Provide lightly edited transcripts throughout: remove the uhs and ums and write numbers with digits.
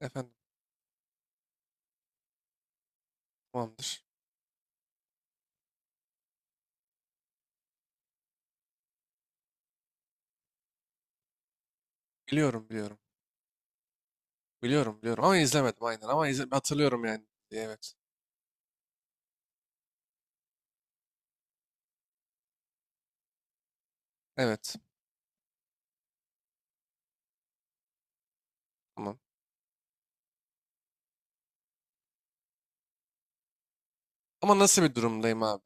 Efendim tamamdır. Biliyorum biliyorum. Biliyorum biliyorum ama izlemedim aynen ama izle hatırlıyorum yani. Evet. Evet. Tamam. Ama nasıl bir durumdayım abi?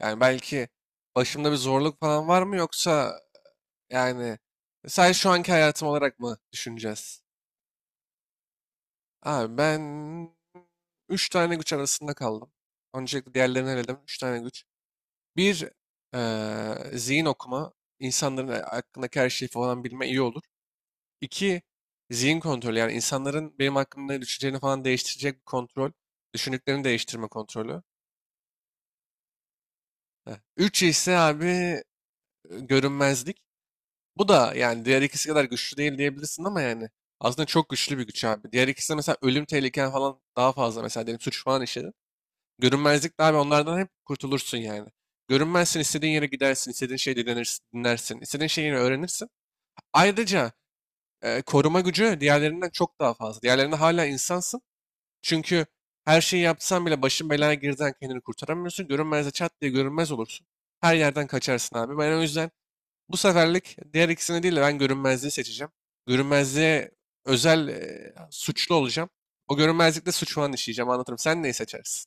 Yani belki başımda bir zorluk falan var mı yoksa yani sadece şu anki hayatım olarak mı düşüneceğiz? Abi ben 3 tane güç arasında kaldım. Öncelikle diğerlerini eledim. 3 tane güç. Bir zihin okuma. İnsanların hakkındaki her şeyi falan bilme iyi olur. İki, zihin kontrolü. Yani insanların benim hakkımda ne düşüneceğini falan değiştirecek bir kontrol. Düşündüklerini değiştirme kontrolü. Heh. Üç ise abi görünmezlik. Bu da yani diğer ikisi kadar güçlü değil diyebilirsin ama yani aslında çok güçlü bir güç abi. Diğer ikisi de mesela ölüm tehliken falan daha fazla mesela diyelim suç falan işledin. Görünmezlik de abi onlardan hep kurtulursun yani. Görünmezsin istediğin yere gidersin, istediğin şeyi dinlersin, dinlersin, istediğin şeyi yine öğrenirsin. Ayrıca koruma gücü diğerlerinden çok daha fazla. Diğerlerinde hala insansın. Çünkü her şeyi yapsan bile başın belaya girdiğinden kendini kurtaramıyorsun. Görünmezde çat diye görünmez olursun. Her yerden kaçarsın abi. Ben o yüzden bu seferlik diğer ikisini değil de ben görünmezliği seçeceğim. Görünmezliğe özel suçlu olacağım. O görünmezlikte suç falan işleyeceğim anlatırım. Sen neyi seçersin?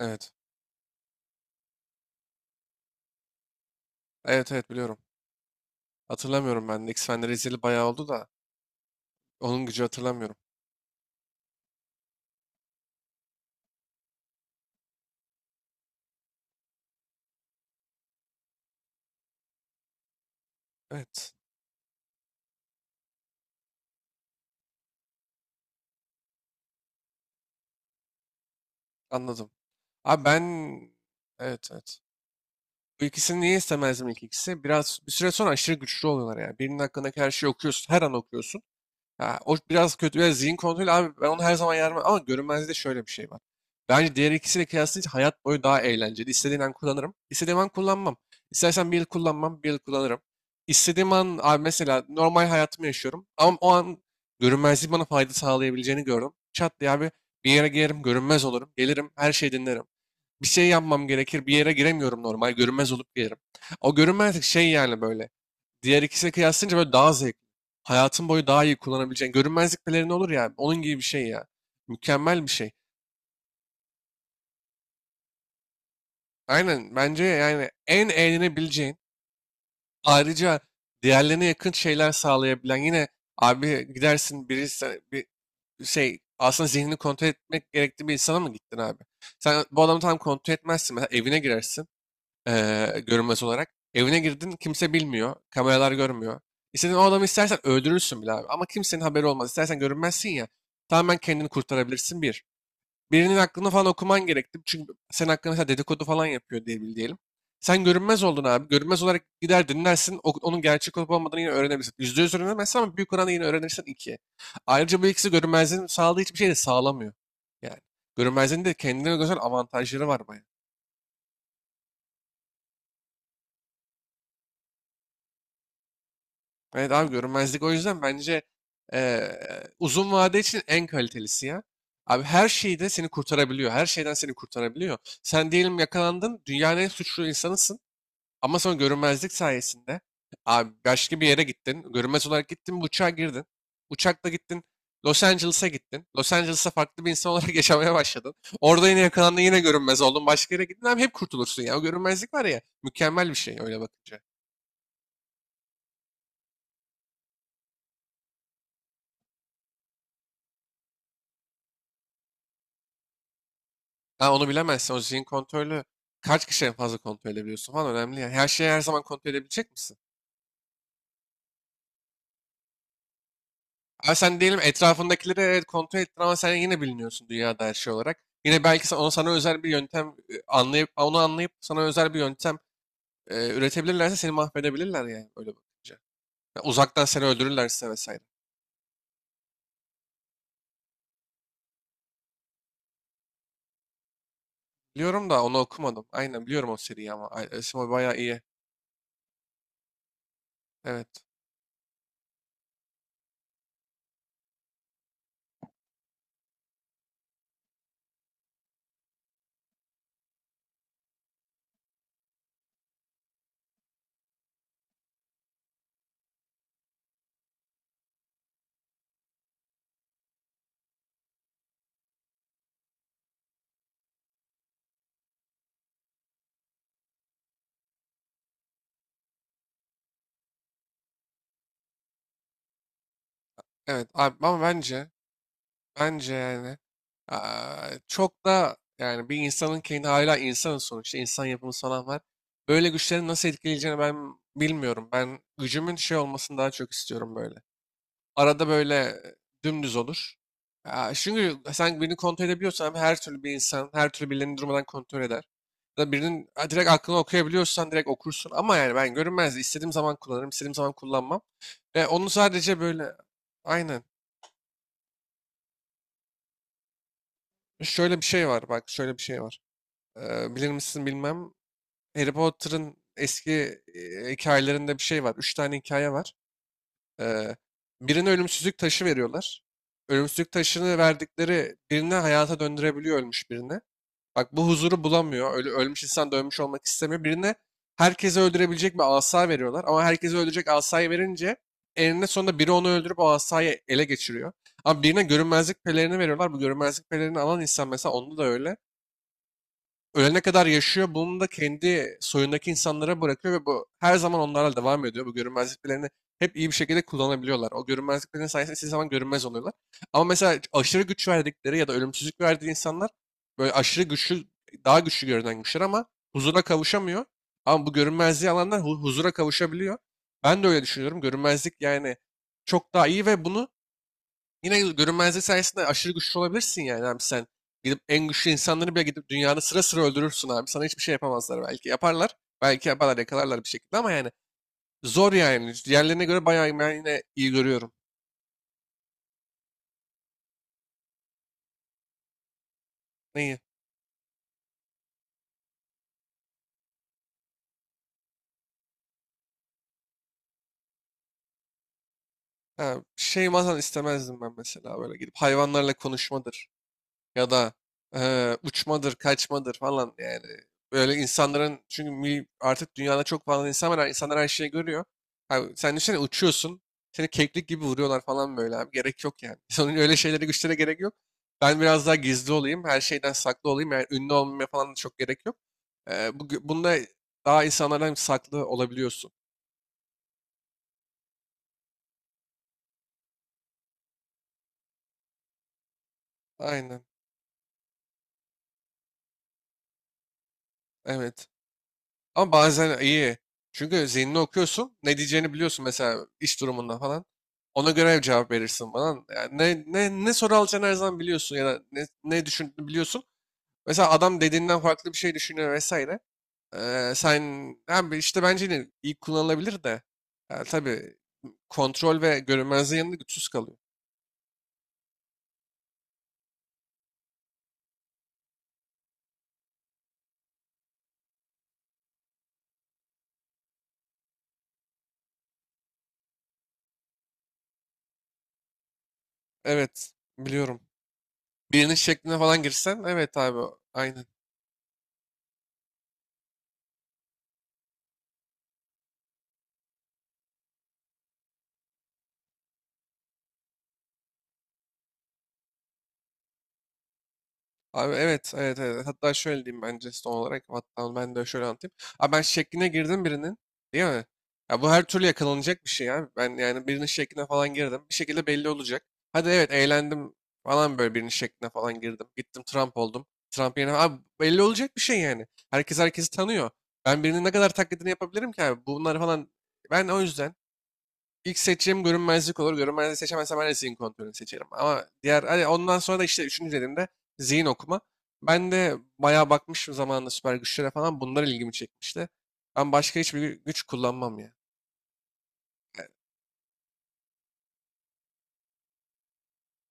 Evet. Evet evet biliyorum. Hatırlamıyorum ben de. X-Fen'leri izleyeli bayağı oldu da onun gücü hatırlamıyorum. Evet anladım. Abi ben... Evet evet. Bu ikisini niye istemezdim ilk ikisi? Biraz bir süre sonra aşırı güçlü oluyorlar yani. Birinin hakkındaki her şeyi okuyorsun. Her an okuyorsun. Ha, o biraz kötü. Biraz zihin kontrolü. Abi ben onu her zaman yarmam. Ama görünmezliği de şöyle bir şey var. Bence diğer ikisiyle kıyaslayınca hayat boyu daha eğlenceli. İstediğim an kullanırım. İstediğim an kullanmam. İstersen bir yıl kullanmam. Bir yıl kullanırım. İstediğim an abi mesela normal hayatımı yaşıyorum. Ama o an görünmezliği bana fayda sağlayabileceğini gördüm. Çat diye abi bir yere girerim. Görünmez olurum. Gelirim. Her şeyi dinlerim bir şey yapmam gerekir. Bir yere giremiyorum normal. Görünmez olup girerim. O görünmezlik şey yani böyle. Diğer ikisine kıyaslayınca böyle daha zevkli. Hayatın boyu daha iyi kullanabileceğin. Görünmezlik pelerini olur ya. Onun gibi bir şey ya. Mükemmel bir şey. Aynen bence yani en eğlenebileceğin ayrıca diğerlerine yakın şeyler sağlayabilen yine abi gidersin birisi bir şey aslında zihnini kontrol etmek gerektiği bir insana mı gittin abi? Sen bu adamı tam kontrol etmezsin. Mesela evine girersin. Görünmez olarak. Evine girdin kimse bilmiyor. Kameralar görmüyor. İstediğin o adamı istersen öldürürsün bile abi. Ama kimsenin haberi olmaz. İstersen görünmezsin ya. Tamamen kendini kurtarabilirsin bir. Birinin aklını falan okuman gerekti. Çünkü senin hakkında mesela dedikodu falan yapıyor diye bil diyelim. Sen görünmez oldun abi. Görünmez olarak gider dinlersin. Onun gerçek olup olmadığını yine öğrenebilirsin. %100 öğrenemezsin ama büyük oranda yine öğrenirsin ikiye. Ayrıca bu ikisi görünmezliğin sağladığı hiçbir şey de sağlamıyor. Yani görünmezliğin de kendine göre avantajları var baya. Evet abi görünmezlik o yüzden bence eee, uzun vade için en kalitelisi ya. Abi her şeyde seni kurtarabiliyor. Her şeyden seni kurtarabiliyor. Sen diyelim yakalandın, dünyanın en suçlu insanısın. Ama sonra görünmezlik sayesinde abi başka bir yere gittin. Görünmez olarak gittin, bir uçağa girdin. Uçakla gittin, Los Angeles'a gittin. Los Angeles'a farklı bir insan olarak yaşamaya başladın. Orada yine yakalandın, yine görünmez oldun. Başka yere gittin abi hep kurtulursun ya. O görünmezlik var ya, mükemmel bir şey öyle bakınca. Ha, onu bilemezsin. O zihin kontrolü kaç kişi en fazla kontrol edebiliyorsun falan önemli ya. Her şeyi her zaman kontrol edebilecek misin? Abi sen diyelim etrafındakileri evet kontrol ettin ama sen yine biliniyorsun dünyada her şey olarak. Yine belki ona sana özel bir yöntem anlayıp onu anlayıp sana özel bir yöntem üretebilirlerse seni mahvedebilirler yani öyle bakınca. Ya uzaktan seni öldürürlerse vesaire. Biliyorum da onu okumadım. Aynen biliyorum o seriyi ama. Ay, Esma bayağı iyi. Evet. Evet abi ama bence yani aa, çok da yani bir insanın kendi hala insanın sonuçta insan yapımı falan var. Böyle güçlerin nasıl etkileyeceğini ben bilmiyorum. Ben gücümün şey olmasını daha çok istiyorum böyle. Arada böyle dümdüz olur. Aa, çünkü sen birini kontrol edebiliyorsan abi her türlü bir insan her türlü birilerini durmadan kontrol eder. Ya da birinin ha, direkt aklını okuyabiliyorsan direkt okursun. Ama yani ben görünmez istediğim zaman kullanırım istediğim zaman kullanmam. Ve onu sadece böyle aynen şöyle bir şey var bak şöyle bir şey var. Bilir misin bilmem. Harry Potter'ın eski hikayelerinde bir şey var. Üç tane hikaye var. Eee, Birine ölümsüzlük taşı veriyorlar. Ölümsüzlük taşını verdikleri birine hayata döndürebiliyor ölmüş birine. Bak bu huzuru bulamıyor. Öyle ölmüş insan da ölmüş olmak istemiyor. Birine herkesi öldürebilecek bir asa veriyorlar. Ama herkesi öldürecek asayı verince eninde sonunda biri onu öldürüp o asayı ele geçiriyor. Ama birine görünmezlik pelerini veriyorlar. Bu görünmezlik pelerini alan insan mesela onda da öyle ölene kadar yaşıyor. Bunu da kendi soyundaki insanlara bırakıyor ve bu her zaman onlarla devam ediyor. Bu görünmezliklerini hep iyi bir şekilde kullanabiliyorlar. O görünmezliklerin sayesinde istediği zaman görünmez oluyorlar. Ama mesela aşırı güç verdikleri ya da ölümsüzlük verdiği insanlar böyle aşırı güçlü, daha güçlü görünen güçler ama huzura kavuşamıyor. Ama bu görünmezliği alanlar huzura kavuşabiliyor. Ben de öyle düşünüyorum. Görünmezlik yani çok daha iyi ve bunu. Yine görünmezlik sayesinde aşırı güçlü olabilirsin yani abi sen. Gidip en güçlü insanları bile gidip dünyanın sıra sıra öldürürsün abi. Sana hiçbir şey yapamazlar belki. Yaparlar. Belki yaparlar yakalarlar bir şekilde ama yani zor yani. Diğerlerine göre bayağı ben yine iyi görüyorum. Neyi? Ha, şey falan istemezdim ben mesela böyle gidip hayvanlarla konuşmadır. Ya da uçmadır, kaçmadır falan yani. Böyle insanların çünkü artık dünyada çok fazla insan var. İnsanlar her şeyi görüyor. Abi, sen düşünsene uçuyorsun. Seni keklik gibi vuruyorlar falan böyle abi. Gerek yok yani. Sonra öyle şeylere güçlere gerek yok. Ben biraz daha gizli olayım. Her şeyden saklı olayım. Yani ünlü olmaya falan da çok gerek yok. Bunda daha insanlardan saklı olabiliyorsun. Aynen. Evet. Ama bazen iyi. Çünkü zihnini okuyorsun. Ne diyeceğini biliyorsun mesela iş durumunda falan. Ona göre cevap verirsin falan. Yani ne soru alacağını her zaman biliyorsun ya da ne düşündüğünü biliyorsun. Mesela adam dediğinden farklı bir şey düşünüyor vesaire. Sen abi işte bence yine iyi kullanılabilir de. Yani tabii kontrol ve görünmezliğin yanında güçsüz kalıyor. Evet biliyorum. Birinin şekline falan girsen evet abi aynı. Abi evet, evet, evet. Hatta şöyle diyeyim bence son olarak. Hatta ben de şöyle anlatayım. Abi ben şekline girdim birinin. Değil mi? Ya bu her türlü yakalanacak bir şey abi. Ben yani birinin şekline falan girdim. Bir şekilde belli olacak. Hadi evet eğlendim falan böyle birinin şekline falan girdim. Gittim Trump oldum. Trump yerine... Abi belli olacak bir şey yani. Herkes herkesi tanıyor. Ben birinin ne kadar taklidini yapabilirim ki abi? Bunları falan... Ben o yüzden İlk seçeceğim görünmezlik olur. Görünmezliği seçemezsem ben de zihin kontrolünü seçerim. Ama diğer hani ondan sonra da işte üçüncü dediğimde zihin okuma. Ben de bayağı bakmışım zamanında süper güçlere falan. Bunlar ilgimi çekmişti. Ben başka hiçbir güç kullanmam ya.